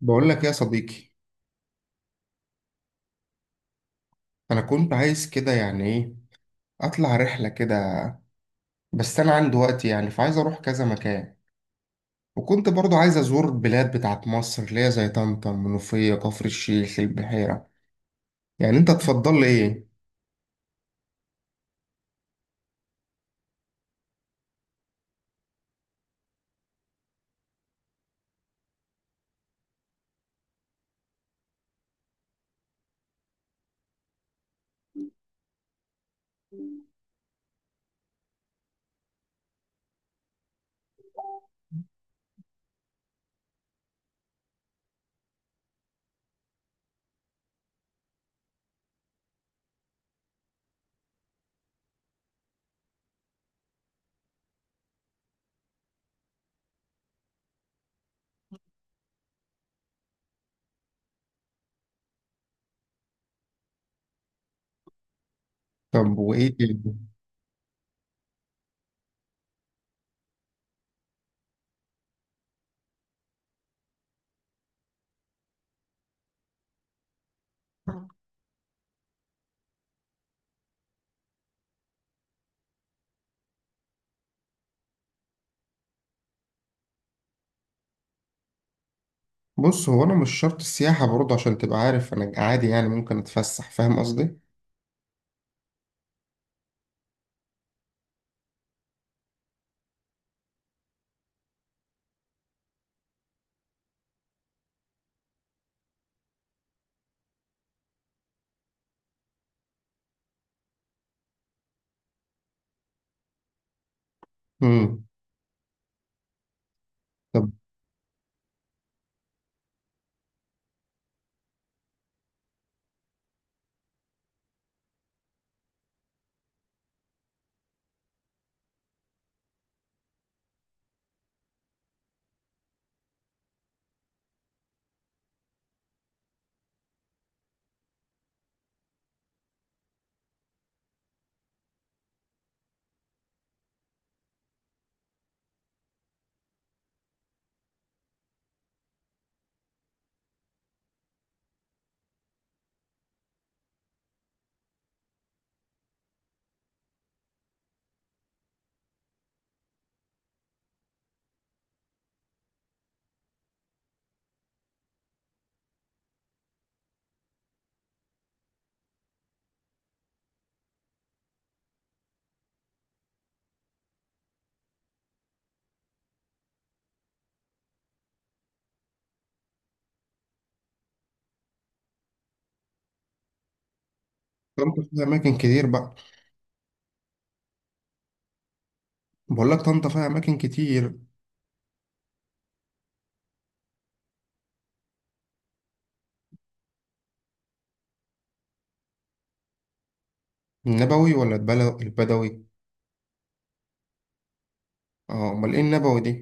بقول لك يا صديقي، انا كنت عايز كده يعني ايه اطلع رحله كده. بس انا عندي وقت يعني فعايز اروح كذا مكان. وكنت برضو عايز ازور البلاد بتاعت مصر اللي هي زي طنطا، المنوفيه، كفر الشيخ، البحيره. يعني انت تفضل لي ايه؟ طب وايه تاني؟ بص، هو انا مش شرط السياحه برضو عشان تبقى عارف، انا عادي يعني ممكن اتفسح، فاهم قصدي. امم. طب طنطا فيها اماكن كتير بقى. بقول لك طنطا فيها اماكن كتير. النبوي ولا البدوي؟ اه امال ايه النبوي دي.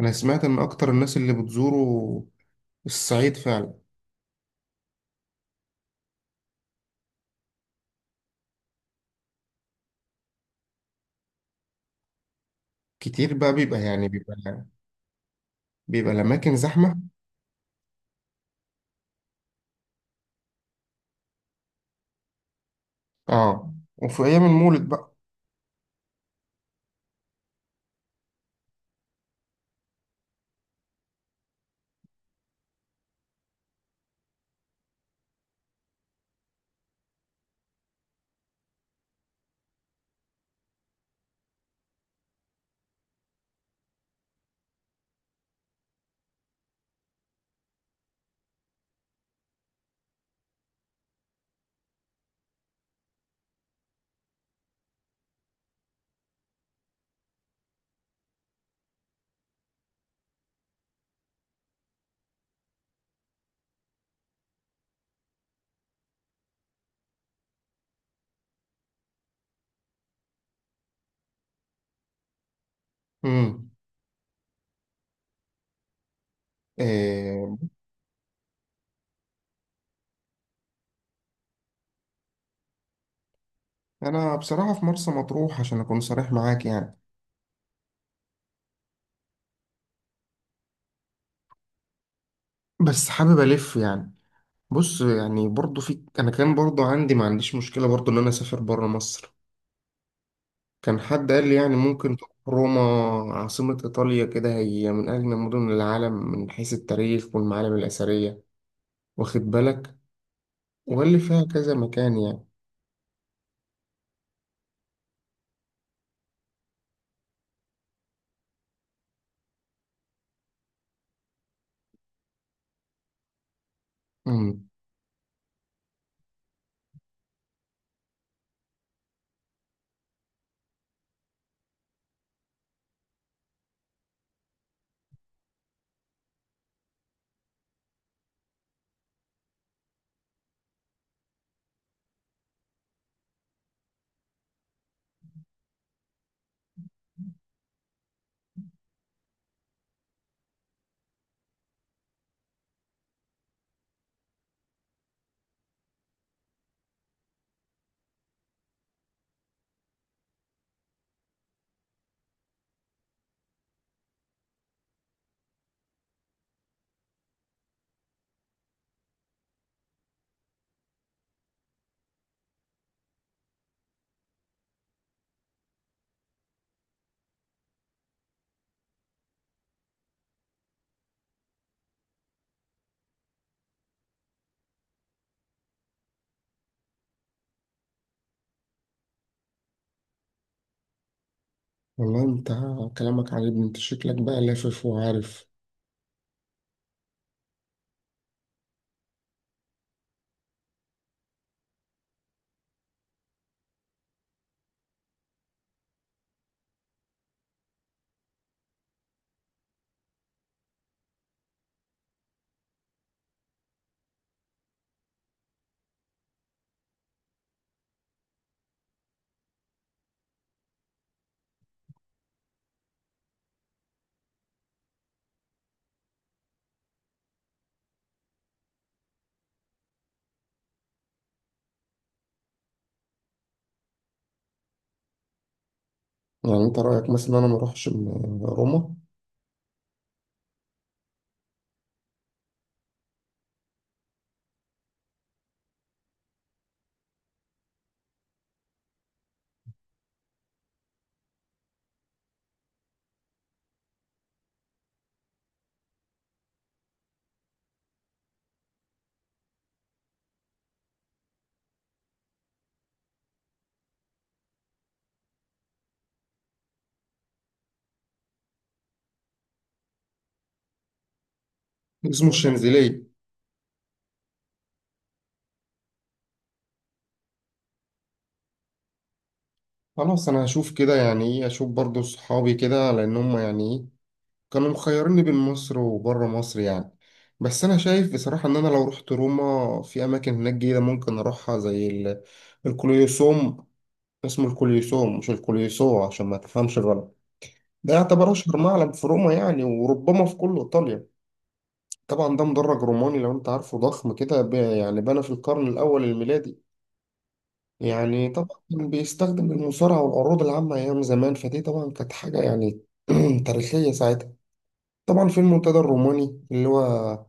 انا سمعت ان اكتر الناس اللي بتزوروا الصعيد فعلا. كتير بقى بيبقى يعني بيبقى بيبقى الاماكن زحمه. اه وفي ايام المولد بقى. امم. إيه. انا بصراحه في مرسى مطروح عشان اكون صريح معاك يعني، بس حابب الف يعني. بص، يعني برضو في، انا كان برضو عندي، ما عنديش مشكله برضو ان انا اسافر بره مصر. كان حد قال لي يعني ممكن تروح روما، عاصمة إيطاليا، كده هي من أجمل مدن العالم من حيث التاريخ والمعالم الأثرية، واخد بالك، واللي فيها كذا مكان يعني. امم. والله انت كلامك عاجبني، انت شكلك بقى لافف وعارف. يعني انت رأيك مثلا انا ما اروحش روما؟ اسمه الشنزيليه. خلاص انا هشوف كده، يعني ايه، اشوف برضو صحابي كده لان هم يعني ايه كانوا مخيريني بين مصر وبره مصر يعني. بس انا شايف بصراحة ان انا لو رحت روما في اماكن هناك جديدة ممكن اروحها زي الكوليوسوم. اسمه الكوليوسوم مش الكوليوسو عشان ما تفهمش غلط. ده يعتبر أشهر معلم في روما يعني، وربما في كل إيطاليا. طبعا ده مدرج روماني لو أنت عارفه، ضخم كده، يعني بنى في القرن الأول الميلادي. يعني طبعا كان بيستخدم المصارعة والعروض العامة أيام زمان، فدي طبعا كانت حاجة يعني تاريخية ساعتها. طبعا في المنتدى الروماني اللي هو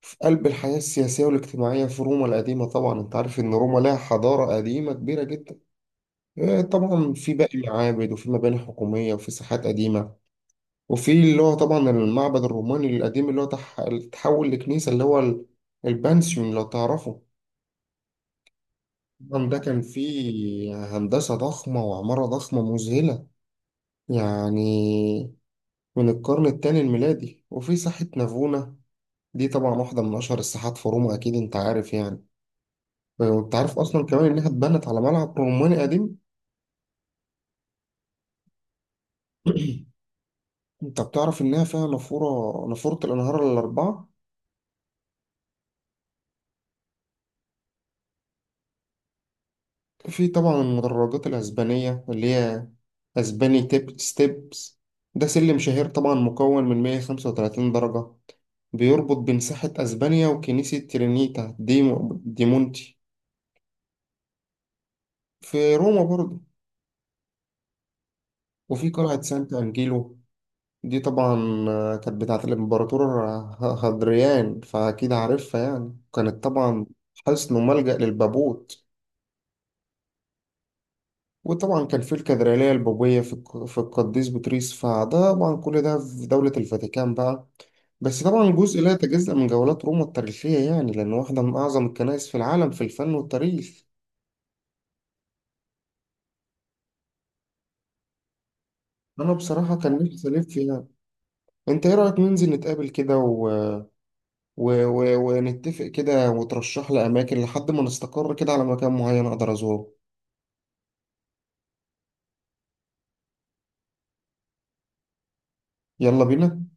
في قلب الحياة السياسية والاجتماعية في روما القديمة. طبعا أنت عارف إن روما لها حضارة قديمة كبيرة جدا. إيه طبعا في باقي معابد وفي مباني حكومية وفي ساحات قديمة. وفي اللي هو طبعا المعبد الروماني القديم اللي هو تحول لكنيسة، اللي هو البانسيون لو تعرفه. طبعا ده كان فيه هندسة ضخمة وعمارة ضخمة مذهلة يعني، من القرن الثاني الميلادي. وفي ساحة نافونا، دي طبعا واحدة من أشهر الساحات في روما، أكيد أنت عارف يعني. وأنت عارف أصلا كمان إنها اتبنت على ملعب روماني قديم. أنت بتعرف إنها فيها نافورة الأنهار الأربعة. في طبعا المدرجات الأسبانية اللي هي أسباني تيب ستيبس، ده سلم شهير طبعا مكون من 135 درجة، بيربط بين ساحة أسبانيا وكنيسة ترينيتا دي مونتي. في روما برضه. وفي قلعة سانت أنجيلو، دي طبعا كانت بتاعة الإمبراطور هادريان، فأكيد عارفها يعني. كانت طبعا حصن وملجأ للبابوت. وطبعا كان في الكاتدرائية البوبية في في القديس بطريس، فده طبعا كل ده في دولة الفاتيكان بقى. بس طبعا جزء لا يتجزأ من جولات روما التاريخية يعني، لأن واحدة من أعظم الكنائس في العالم في الفن والتاريخ. أنا بصراحة كان نفسي ألف فيها. أنت إيه رأيك ننزل نتقابل كده و... و... ونتفق كده وترشح لي أماكن لحد ما نستقر كده على مكان معين أقدر أزوره. يلا بينا.